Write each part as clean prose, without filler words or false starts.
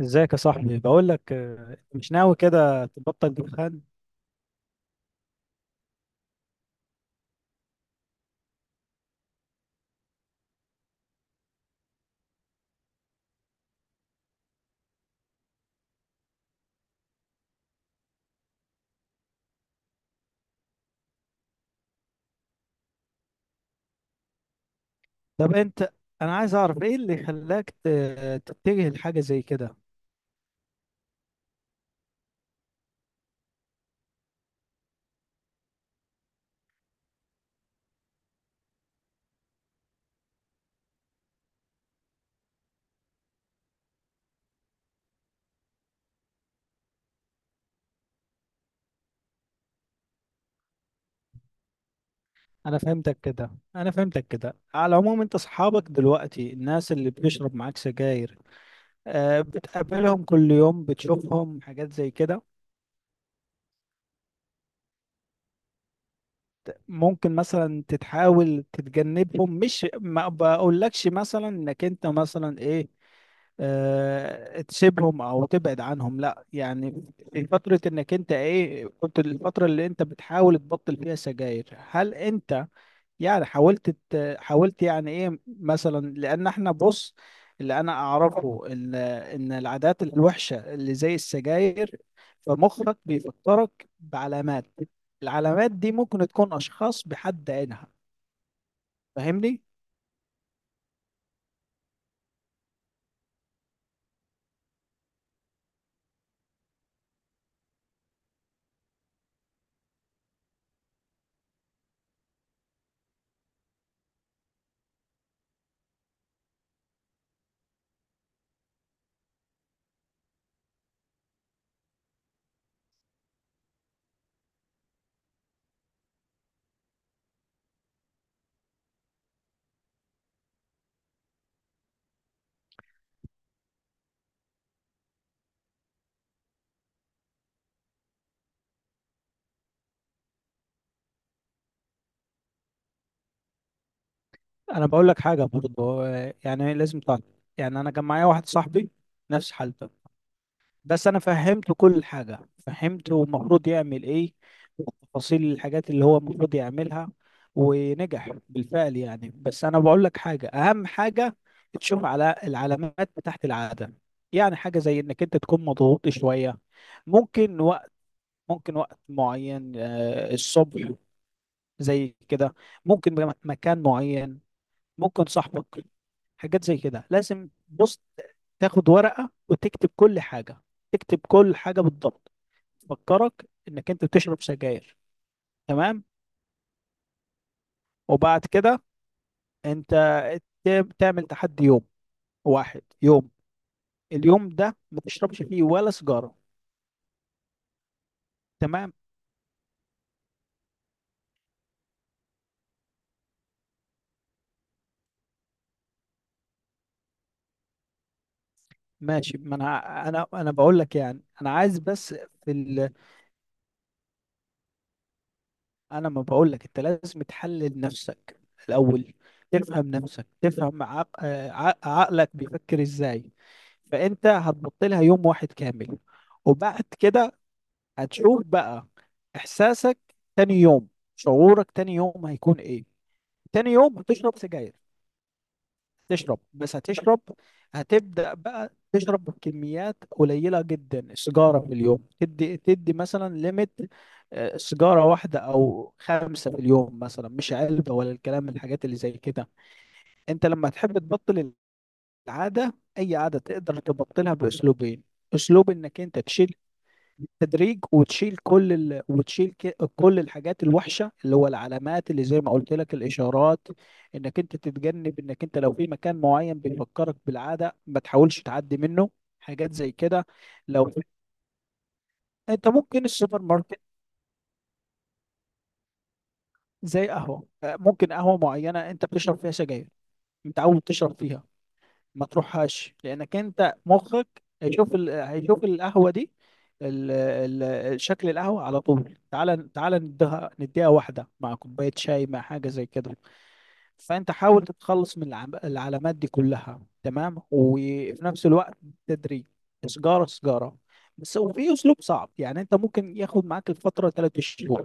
ازيك يا صاحبي؟ بقول لك مش ناوي كده تبطل دخان؟ طب انت، انا عايز اعرف ايه اللي خلاك تتجه لحاجه زي كده؟ انا فهمتك كده. انا فهمتك كده. على العموم انت اصحابك دلوقتي الناس اللي بتشرب معاك سجاير، بتقابلهم كل يوم، بتشوفهم حاجات زي كده؟ ممكن مثلا تتحاول تتجنبهم؟ مش ما بقولكش مثلا انك انت مثلا ايه، تسيبهم او تبعد عنهم، لا يعني. في فترة، انك انت ايه، كنت الفترة اللي انت بتحاول تبطل فيها سجاير، هل انت يعني حاولت حاولت يعني ايه مثلا؟ لان احنا بص، اللي انا اعرفه ان العادات الوحشة اللي زي السجاير، فمخك بيفكرك بعلامات. العلامات دي ممكن تكون اشخاص بحد عينها، فاهمني؟ انا بقول لك حاجه برضه. هو يعني لازم تعرف، يعني انا كان معايا واحد صاحبي نفس حالته، بس انا فهمته كل حاجه، فهمته المفروض يعمل ايه وتفاصيل الحاجات اللي هو المفروض يعملها، ونجح بالفعل يعني. بس انا بقول لك حاجه، اهم حاجه تشوف على العلامات بتاعت العاده. يعني حاجه زي انك انت تكون مضغوط شويه، ممكن وقت، ممكن وقت معين، الصبح زي كده، ممكن مكان معين، ممكن صاحبك، حاجات زي كده. لازم بص، تاخد ورقة وتكتب كل حاجة، تكتب كل حاجة بالضبط تفكرك انك انت بتشرب سجاير، تمام؟ وبعد كده انت تعمل تحدي يوم، واحد يوم، اليوم ده ما تشربش فيه ولا سيجارة. تمام، ماشي. ما انا بقول لك، يعني انا عايز بس، في، انا ما بقول لك انت لازم تحلل نفسك الاول، تفهم نفسك، تفهم عقلك بيفكر ازاي. فانت هتبط لها يوم واحد كامل، وبعد كده هتشوف بقى احساسك تاني يوم. شعورك تاني يوم هيكون ايه؟ تاني يوم هتشرب سجاير، تشرب بس هتشرب، هتبدأ بقى تشرب بكميات قليلة جدا. سيجارة في اليوم، تدي تدي مثلا ليميت، سيجارة واحدة أو خمسة في اليوم مثلا، مش علبة ولا الكلام من الحاجات اللي زي كده. أنت لما تحب تبطل العادة، أي عادة تقدر تبطلها بأسلوبين. أسلوب إنك أنت تشيل تدريج، وتشيل وتشيل كل الحاجات الوحشه اللي هو العلامات، اللي زي ما قلت لك الاشارات، انك انت تتجنب انك انت لو في مكان معين بيفكرك بالعاده ما تحاولش تعدي منه. حاجات زي كده. لو انت ممكن السوبر ماركت، زي قهوه، ممكن قهوه معينه انت بتشرب فيها سجاير، متعود تشرب فيها، ما تروحهاش، لانك انت مخك هيشوف القهوه دي، ال... شكل القهوه على طول، تعال تعال نديها نديها واحده مع كوبايه شاي مع حاجه زي كده. فانت حاول تتخلص من العلامات دي كلها، تمام؟ وفي نفس الوقت تدريج، سجاره سجاره بس. وفي اسلوب صعب، يعني انت ممكن ياخد معاك الفتره ثلاث شهور،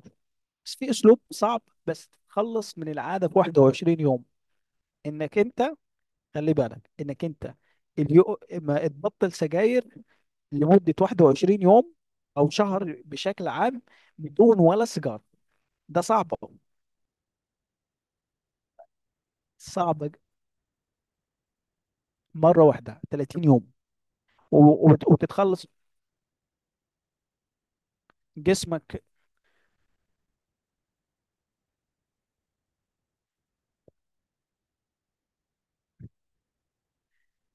بس في اسلوب صعب، بس تتخلص من العاده في 21 يوم. انك انت، خلي بالك انك انت، ما تبطل سجاير لمدة 21 يوم او شهر بشكل عام بدون ولا سيجار. ده صعب أوي. صعب مرة واحدة 30 يوم، و... وتتخلص. جسمك،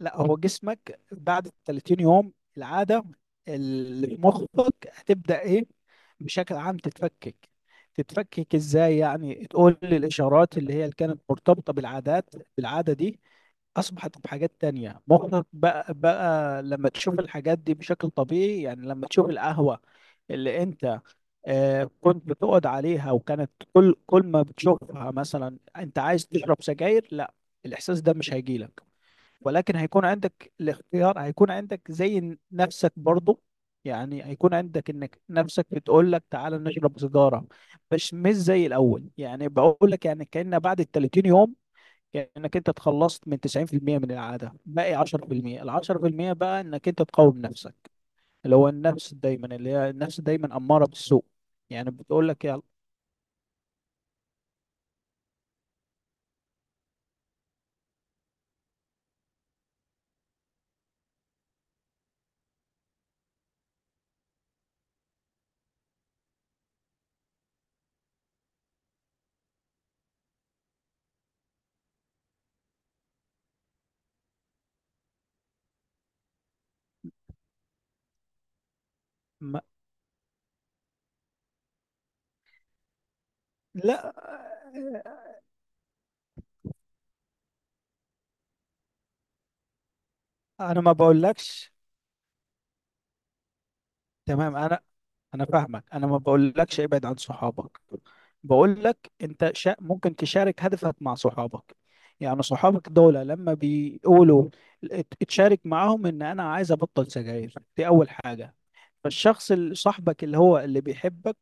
لا هو جسمك بعد 30 يوم، العادة اللي في مخك هتبدأ ايه، بشكل عام تتفكك. تتفكك ازاي يعني؟ تقول لي الاشارات اللي هي اللي كانت مرتبطة بالعادات، بالعادة دي، اصبحت بحاجات تانية. مخك بقى بقى لما تشوف الحاجات دي بشكل طبيعي، يعني لما تشوف القهوة اللي انت كنت بتقعد عليها، وكانت كل كل ما بتشوفها مثلا انت عايز تشرب سجاير، لا الاحساس ده مش هيجيلك. ولكن هيكون عندك الاختيار، هيكون عندك زي نفسك برضو. يعني هيكون عندك انك نفسك بتقول لك تعالى نشرب سيجارة، بس مش زي الاول. يعني بقول لك يعني كأن بعد ال 30 يوم، يعني انك انت اتخلصت من 90% من العاده، باقي 10%. ال 10% بقى انك انت تقاوم نفسك، اللي هو النفس دايما، اللي هي النفس دايما اماره بالسوء. يعني بتقول لك يلا. ما... لا انا ما بقولكش. تمام، انا فاهمك. انا ما بقولكش ابعد عن صحابك، بقول لك انت ممكن تشارك هدفك مع صحابك. يعني صحابك دول لما بيقولوا، اتشارك معاهم ان انا عايز ابطل سجاير، دي اول حاجة. فالشخص اللي صاحبك، اللي هو اللي بيحبك،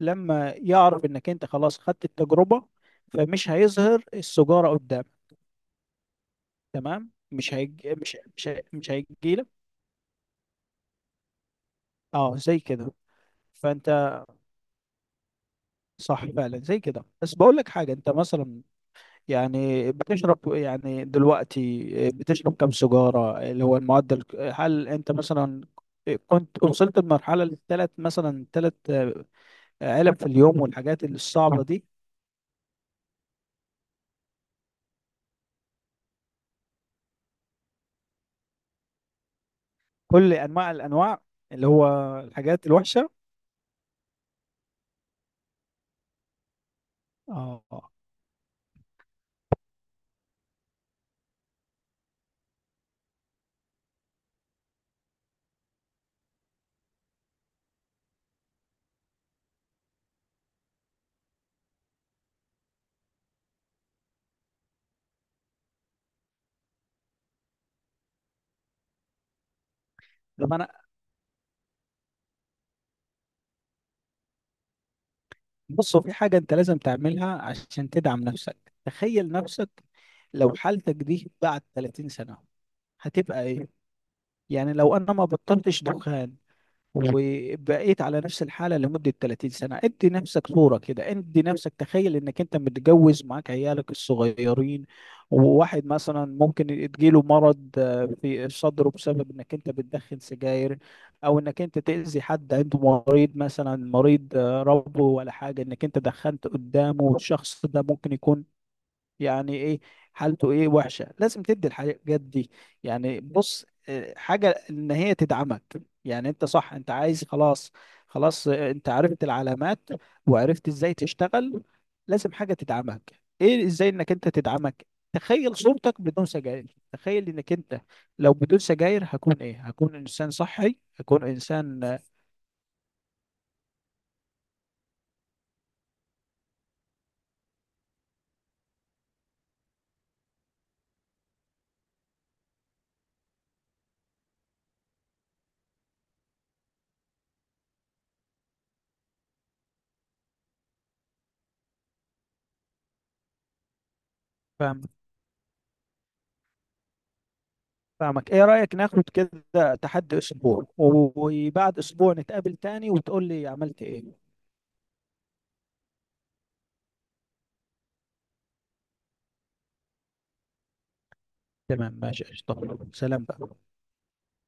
لما يعرف انك انت خلاص خدت التجربة، فمش هيظهر السجارة قدامك. تمام؟ مش هيج... مش مش هي... مش هيجيلك. اه زي كده. فانت صح فعلا زي كده. بس بقول لك حاجة، انت مثلا يعني بتشرب يعني دلوقتي، بتشرب كم سجارة اللي هو المعدل؟ هل انت مثلا كنت وصلت لمرحلة للثلاث مثلا ثلاث علب في اليوم والحاجات الصعبة دي؟ كل انواع الانواع، اللي هو الحاجات الوحشه، اه. طب انا، بص هو في حاجه انت لازم تعملها عشان تدعم نفسك. تخيل نفسك لو حالتك دي بعد 30 سنه هتبقى ايه. يعني لو انا ما بطلتش دخان، وبقيت على نفس الحالة لمدة 30 سنة. ادي نفسك صورة كده، ادي نفسك تخيل انك انت متجوز معاك عيالك الصغيرين، وواحد مثلا ممكن يجيله مرض في صدره بسبب انك انت بتدخن سجاير. او انك انت تأذي حد عنده مريض مثلا، مريض ربو ولا حاجة، انك انت دخنت قدامه والشخص ده ممكن يكون يعني ايه حالته، ايه وحشه. لازم تدي الحاجات دي يعني، بص، حاجه ان هي تدعمك. يعني انت صح، انت عايز خلاص، خلاص، انت عرفت العلامات، وعرفت ازاي تشتغل، لازم حاجه تدعمك. ايه ازاي انك انت تدعمك؟ تخيل صورتك بدون سجاير. تخيل انك انت لو بدون سجاير هكون ايه؟ هكون انسان صحي، هكون انسان فاهم. فاهمك، ايه رأيك ناخد كده تحدي اسبوع وبعد اسبوع نتقابل تاني وتقول لي عملت ايه؟ تمام، ماشي، قشطة. سلام بقى.